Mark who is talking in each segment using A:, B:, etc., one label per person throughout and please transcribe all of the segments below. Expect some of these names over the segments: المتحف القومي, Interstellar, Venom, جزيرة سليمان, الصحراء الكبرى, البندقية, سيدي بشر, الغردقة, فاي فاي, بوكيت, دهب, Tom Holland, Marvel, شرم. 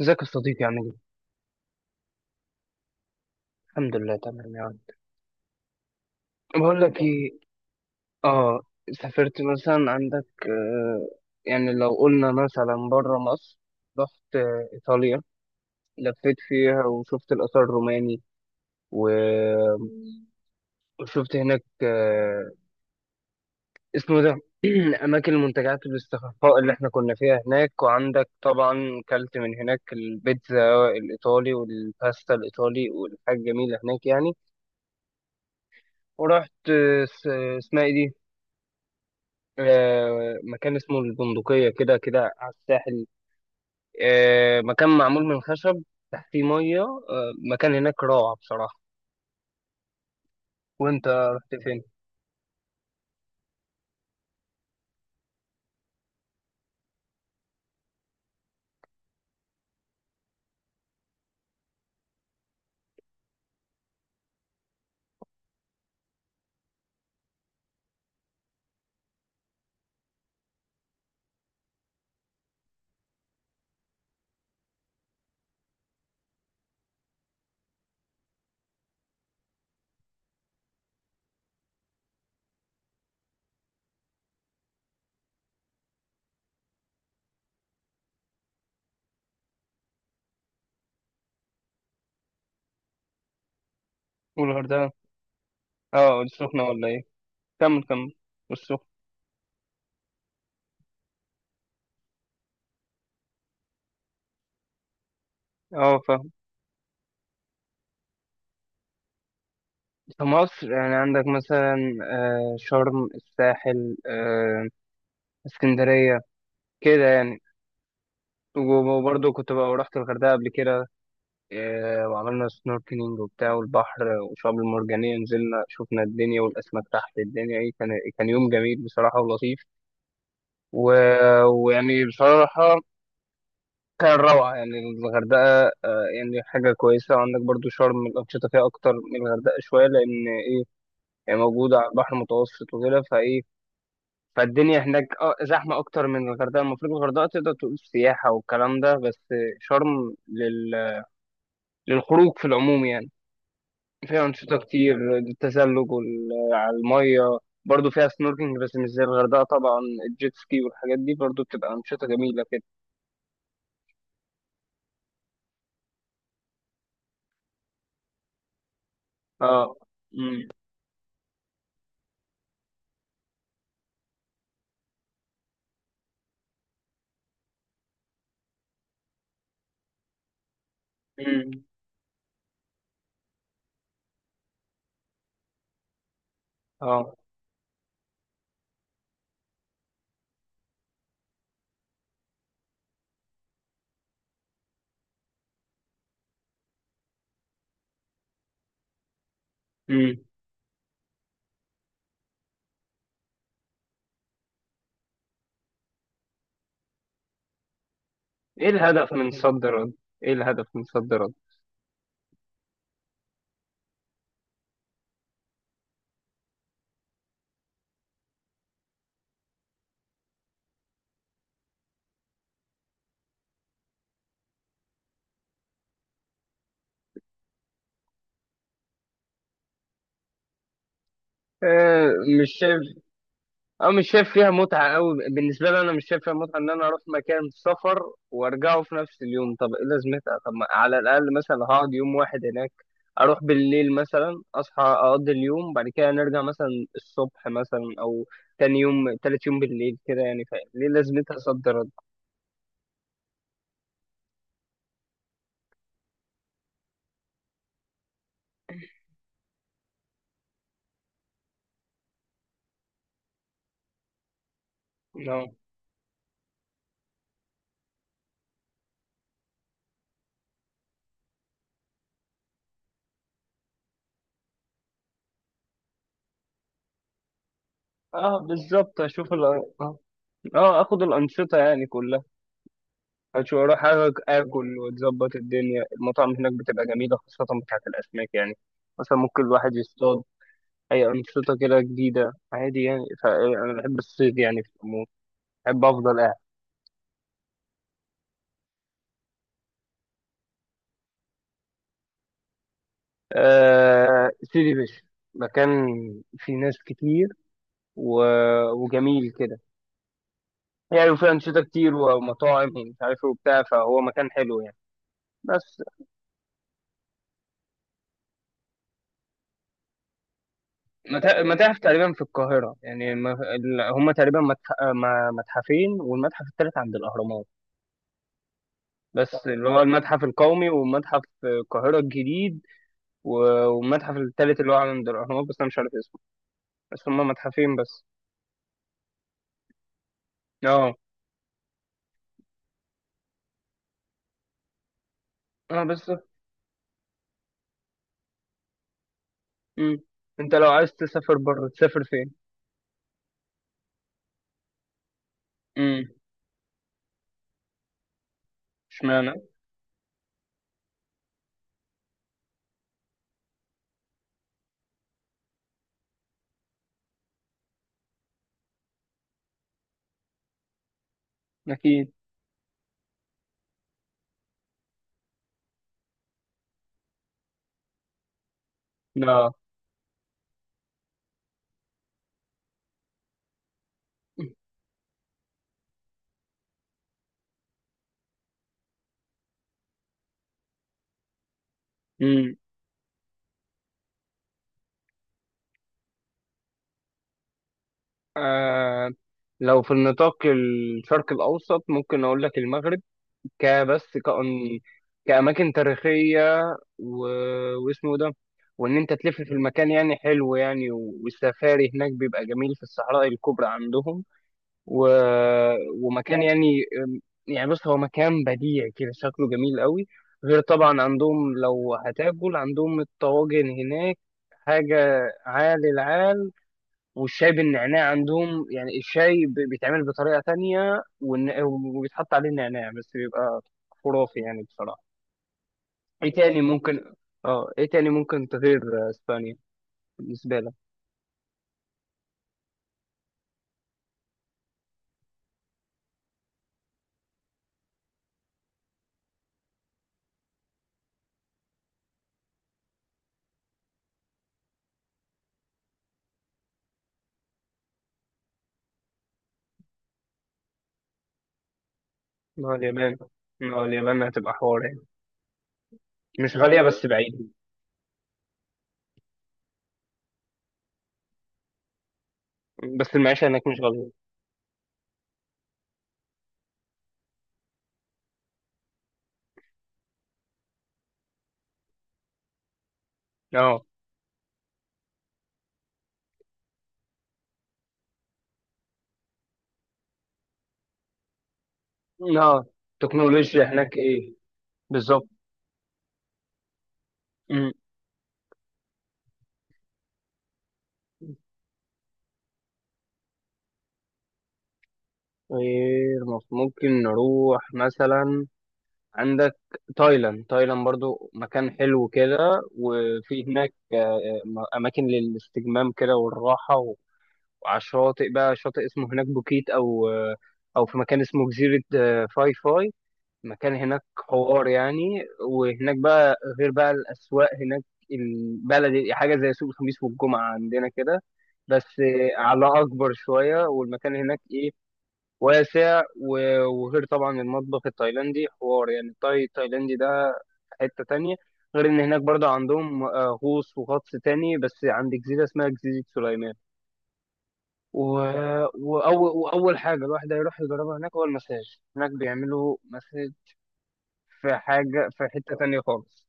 A: ازيك يا صديقي، عامل ايه؟ الحمد لله تمام يا عم. بقول لك ايه. اه سافرت مثلا عندك. يعني لو قلنا مثلا بره مصر، رحت ايطاليا، لفيت فيها وشفت الاثار الروماني و- وشفت هناك. اسمه ده، اماكن المنتجعات والاستخفاء اللي احنا كنا فيها هناك، وعندك طبعا كلت من هناك البيتزا الايطالي والباستا الايطالي والحاجات جميله هناك يعني. ورحت اسمها ايه دي؟ مكان اسمه البندقية، كده كده على الساحل. مكان معمول من خشب، تحتيه مية. مكان هناك روعة بصراحة. وانت رحت فين؟ والغردقة. اه، السخنة ولا ايه؟ كمل كمل. والسخنة. اه، فاهم. في مصر يعني عندك مثلا شرم، الساحل، اسكندرية، كده يعني. وبرضه كنت بقى رحت الغردقة قبل كده. وعملنا سنوركلينج وبتاع، والبحر والشعاب المرجانية نزلنا شفنا الدنيا والأسماك تحت الدنيا. إيه كان، كان يوم جميل بصراحة ولطيف و... ويعني بصراحة كان روعة يعني الغردقة. يعني حاجة كويسة. عندك برضو شرم الأنشطة فيها أكتر من الغردقة شوية، لأن إيه، هي موجودة على البحر المتوسط وكده، فإيه، فالدنيا هناك زحمة أكتر من الغردقة. المفروض الغردقة تقدر تقول سياحة والكلام ده بس، شرم للخروج في العموم يعني. فيها أنشطة كتير، التزلج على المية، برضه فيها سنوركينج بس مش زي الغردقة طبعا. الجيت سكي والحاجات دي برضه بتبقى أنشطة جميلة كده. اه. امم. امم. اه. امم. ايه الهدف من صد رد؟ ايه الهدف من صد رد؟ آه مش شايف، أو مش شايف فيها متعة أوي. بالنسبة لي أنا مش شايف فيها متعة إن أنا أروح مكان سفر وأرجعه في نفس اليوم. طب إيه لازمتها؟ طب ما على الأقل مثلا هقعد يوم واحد هناك، أروح بالليل مثلا أصحى أقضي اليوم بعد كده نرجع مثلا الصبح مثلا، أو تاني يوم تالت يوم بالليل كده. يعني فاهم ليه لازمتها صد رد. اه، اه بالظبط. أشوف اه. اخد الانشطه يعني كلها، اشوف اروح اكل واتظبط الدنيا. المطاعم هناك بتبقى جميله، خاصه بتاعت الاسماك يعني. مثلا ممكن الواحد يصطاد أي أنشطة كده جديدة عادي يعني. فأنا بحب الصيد يعني في العموم، بحب أفضل قاعد. أه، سيدي بشر، مكان فيه ناس كتير و... وجميل كده يعني، وفيه أنشطة كتير ومطاعم ومش عارف إيه وبتاع، فهو مكان حلو يعني. بس متاحف تقريبا في القاهرة يعني، هما تقريبا متح... ما- متحفين، والمتحف التالت عند الأهرامات. بس اللي هو المتحف القومي ومتحف القاهرة الجديد والمتحف التالت اللي هو عند الأهرامات، بس أنا مش عارف اسمه. بس هما متحفين بس. اه، اه بس. امم. انت لو عايز تسافر بره تسافر فين؟ امم. اشمعنى؟ اكيد. لا. امم. آه لو في النطاق الشرق الاوسط ممكن اقول لك المغرب، كبس كأن كأماكن تاريخية و... واسمه ده، وان انت تلف في المكان يعني حلو يعني، والسفاري هناك بيبقى جميل في الصحراء الكبرى عندهم و... ومكان يعني، يعني بص هو مكان بديع كده، شكله جميل قوي. غير طبعا عندهم لو هتاكل عندهم الطواجن هناك حاجة عال العال. والشاي بالنعناع عندهم، يعني الشاي بيتعمل بطريقة تانية وبيتحط عليه النعناع بس بيبقى خرافي يعني بصراحة. ايه تاني ممكن، اه ايه تاني ممكن تغير اسبانيا بالنسبة لك؟ ما هو اليابان ما هو اليابان هتبقى حوار يعني، مش غالية بس بعيد. بس المعيشة هناك مش غالية. اه. اه، تكنولوجيا هناك، ايه بالظبط. مم. غير ممكن نروح مثلا عندك تايلاند. تايلاند برضو مكان حلو كده، وفي هناك اماكن للاستجمام كده والراحه، وعلى الشاطئ بقى، شاطئ اسمه هناك بوكيت، او في مكان اسمه جزيره فاي فاي، مكان هناك حوار يعني. وهناك بقى غير بقى الأسواق هناك، البلد حاجة زي سوق الخميس والجمعة عندنا كده، بس على أكبر شوية. والمكان هناك إيه، واسع وغير طبعا المطبخ التايلاندي حوار يعني. التايلاندي ده في حتة تانية. غير إن هناك برضه عندهم غوص وغطس تاني، بس عند جزيرة اسمها جزيرة سليمان و... وأول حاجة الواحد هيروح يجربها هناك هو المساج. هناك بيعملوا مساج في حاجة في حتة تانية خالص.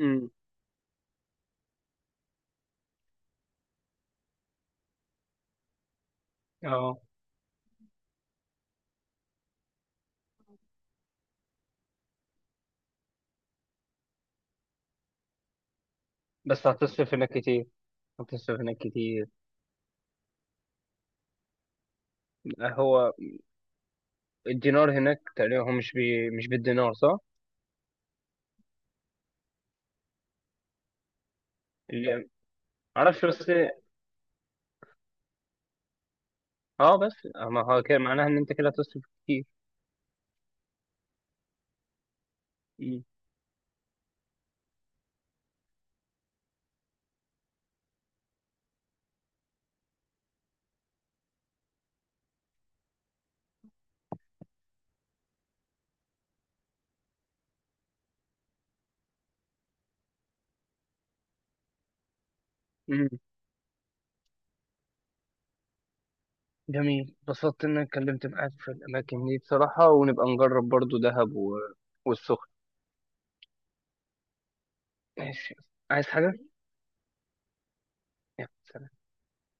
A: امم. اه، بس هتصرف هناك كتير، هتصرف هناك كتير. هو الدينار هناك تقريبا هو مش بالدينار صح؟ اللي معرفش بس. اه بس ما هو كده معناها ان انت كده هتصرف كتير. امم. امم. جميل، اتبسطت ان انا اتكلمت معاك في الاماكن دي بصراحة. ونبقى نجرب برضو دهب والسخن. ماشي. عايز حاجة؟ يلا، سلام.